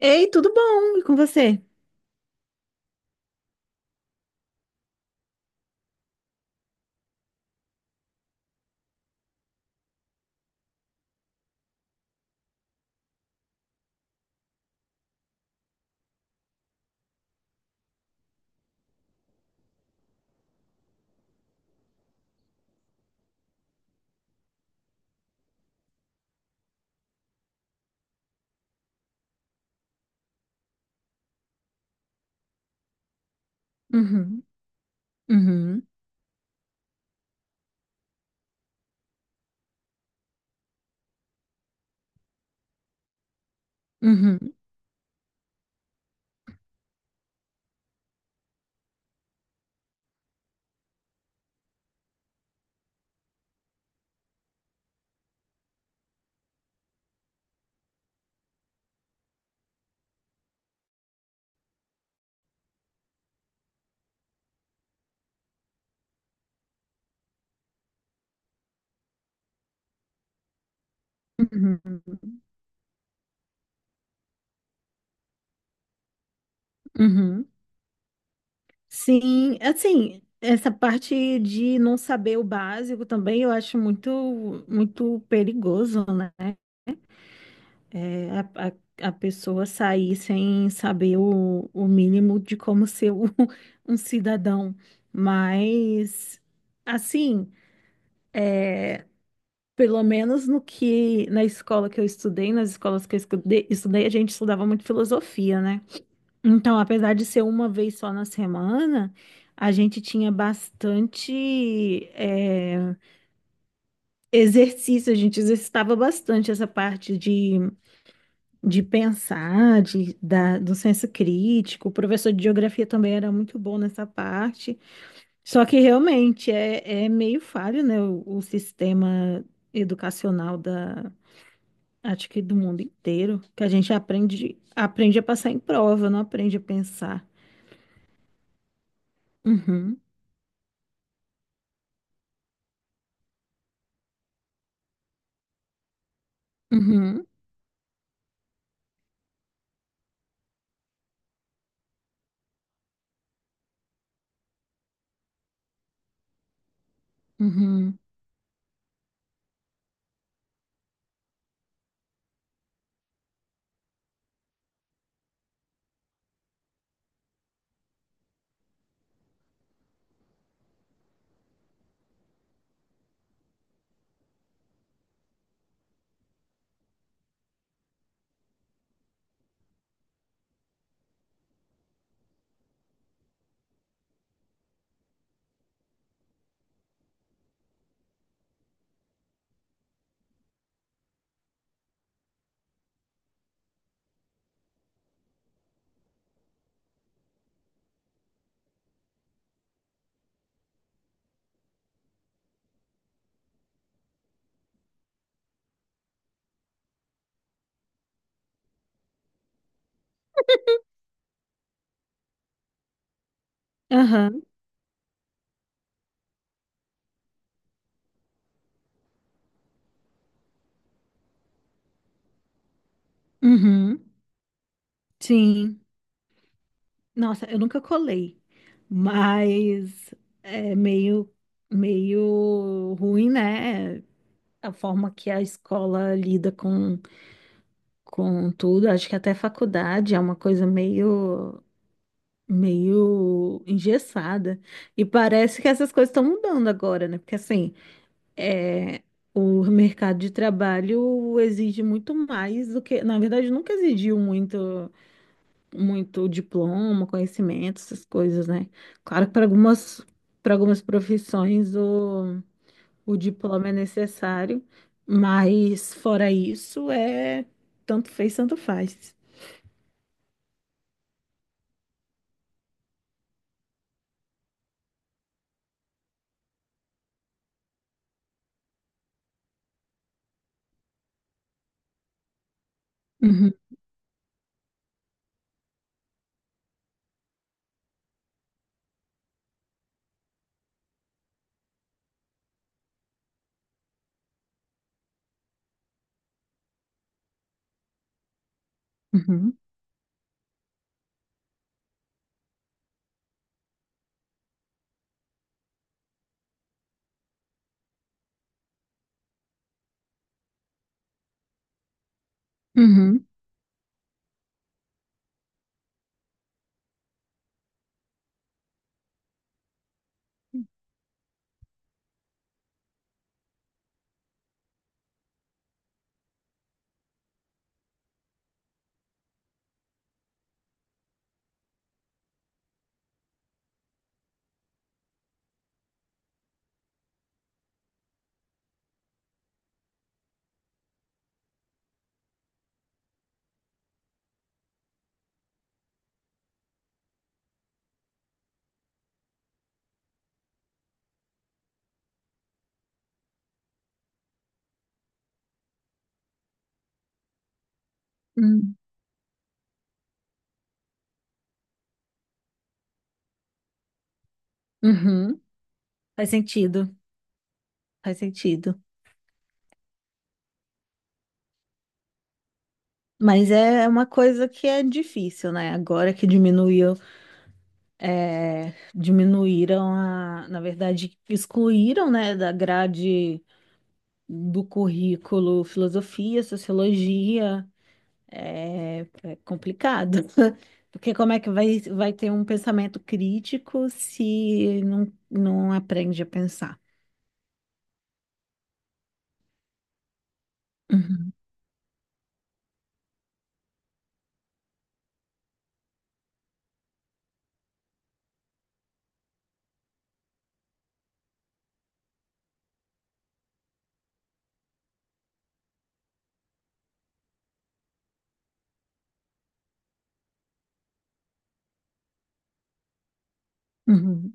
Ei, tudo bom? E com você? Uhum, uhum, uhum, uhum, uhum. Sim, assim, essa parte de não saber o básico também eu acho muito, muito perigoso, né? É, a pessoa sair sem saber o mínimo de como ser um, um cidadão. Mas, assim. é, Pelo menos no que na escola que eu estudei, nas escolas que eu estudei, a gente estudava muito filosofia, né? Então, apesar de ser uma vez só na semana, a gente tinha bastante exercício, a gente exercitava bastante essa parte de pensar, do senso crítico. O professor de geografia também era muito bom nessa parte. Só que realmente é meio falho, né, o sistema educacional da acho que do mundo inteiro, que a gente aprende a passar em prova, não aprende a pensar. Uhum, uhum, uhum, aham, uhum, sim. Nossa, eu nunca colei, mas é meio ruim, né? A forma que a escola lida com tudo. Acho que até faculdade é uma coisa meio engessada. E parece que essas coisas estão mudando agora, né? Porque assim. É, o mercado de trabalho exige muito mais do que, na verdade, nunca exigiu muito, muito diploma, conhecimento, essas coisas, né? Claro que para algumas profissões o diploma é necessário, mas fora isso é tanto fez, tanto faz. Uhum, uhum, uhum, uhum, uhum. Faz sentido, faz sentido. Mas é uma coisa que é difícil, né? Agora que diminuiu diminuíram na verdade, excluíram, né, da grade do currículo filosofia, sociologia. É complicado, porque como é que vai ter um pensamento crítico se não aprende a pensar? Uhum, uhum,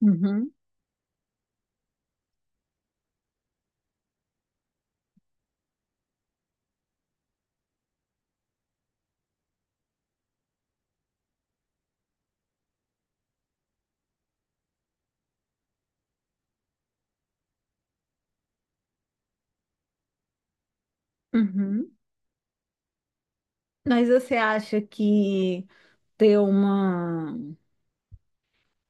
uhum, uhum. Mas você acha que ter uma,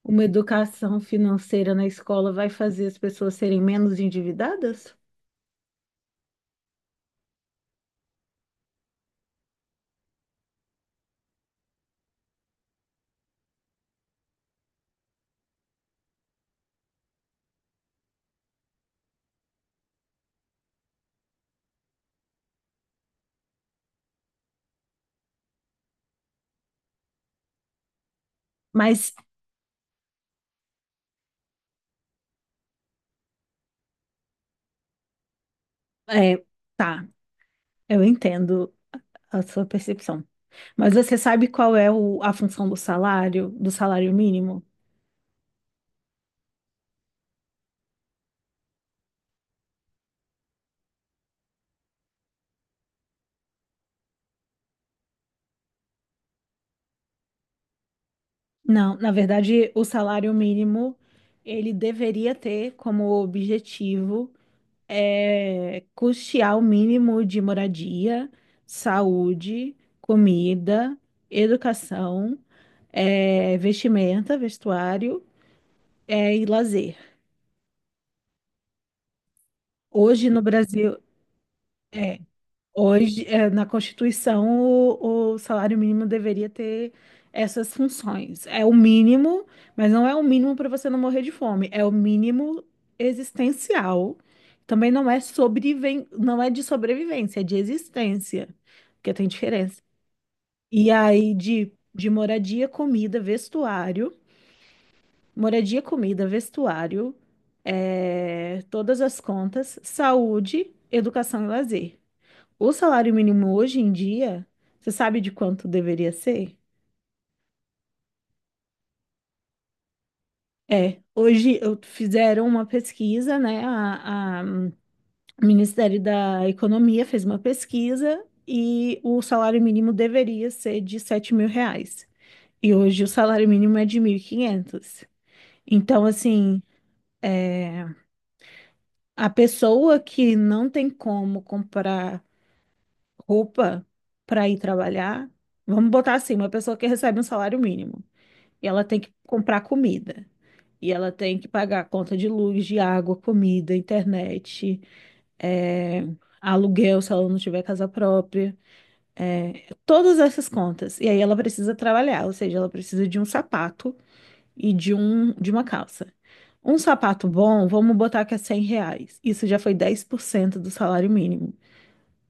uma educação financeira na escola vai fazer as pessoas serem menos endividadas? Mas é, tá, eu entendo a sua percepção. Mas você sabe qual é a função do salário mínimo? Não, na verdade, o salário mínimo ele deveria ter como objetivo custear o mínimo de moradia, saúde, comida, educação, vestimenta, vestuário, e lazer. Hoje no Brasil, é, hoje, na Constituição, o salário mínimo deveria ter essas funções. É o mínimo, mas não é o mínimo para você não morrer de fome, é o mínimo existencial. Também não é não é de sobrevivência, é de existência, porque tem diferença. E aí, de moradia, comida, vestuário, todas as contas, saúde, educação e lazer. O salário mínimo hoje em dia, você sabe de quanto deveria ser? É, hoje fizeram uma pesquisa, né? O Ministério da Economia fez uma pesquisa e o salário mínimo deveria ser de R$ 7.000. E hoje o salário mínimo é de 1.500. Então, assim, é, a pessoa que não tem como comprar roupa para ir trabalhar, vamos botar assim, uma pessoa que recebe um salário mínimo. E ela tem que comprar comida. E ela tem que pagar a conta de luz, de água, comida, internet, é, aluguel, se ela não tiver casa própria. Todas essas contas. E aí ela precisa trabalhar, ou seja, ela precisa de um sapato e de uma calça. Um sapato bom, vamos botar que é R$ 100. Isso já foi 10% do salário mínimo,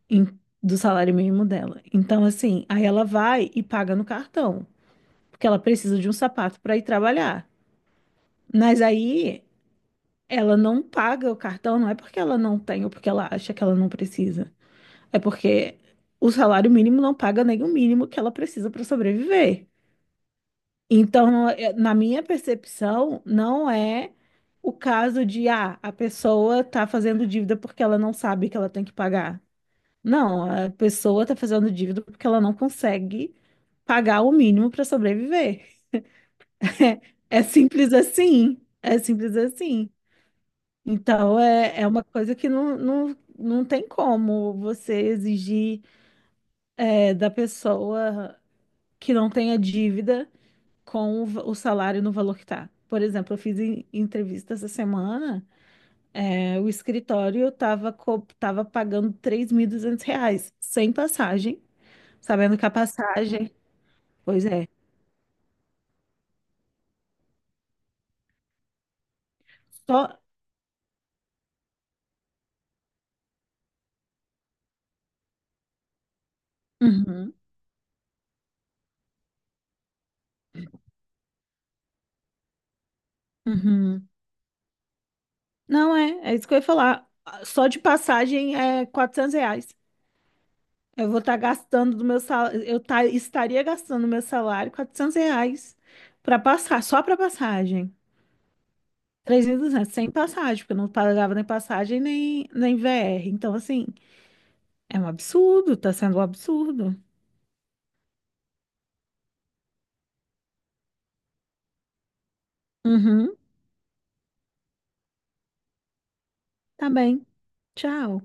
em- do salário mínimo dela. Então, assim, aí ela vai e paga no cartão, porque ela precisa de um sapato para ir trabalhar. Mas aí, ela não paga o cartão, não é porque ela não tem ou porque ela acha que ela não precisa. É porque o salário mínimo não paga nem o mínimo que ela precisa para sobreviver. Então, na minha percepção, não é o caso de, ah, a pessoa tá fazendo dívida porque ela não sabe que ela tem que pagar. Não, a pessoa tá fazendo dívida porque ela não consegue pagar o mínimo para sobreviver. É simples assim. É simples assim. Então, é uma coisa que não tem como você exigir da pessoa que não tenha dívida com o salário no valor que tá. Por exemplo, eu fiz entrevista essa semana, o escritório estava co tava pagando R$ 3.200, sem passagem, sabendo que a passagem, pois é, só... Uhum, uhum. Não é, é isso que eu ia falar. Só de passagem é R$ 400. Eu vou estar gastando do meu salário, eu estaria gastando do meu salário R$ 400 para passar, só para passagem. Três mil e duzentos sem passagem, porque eu não pagava nem passagem nem VR. Então, assim, é um absurdo, tá sendo um absurdo. Uhum, tá bem. Tchau.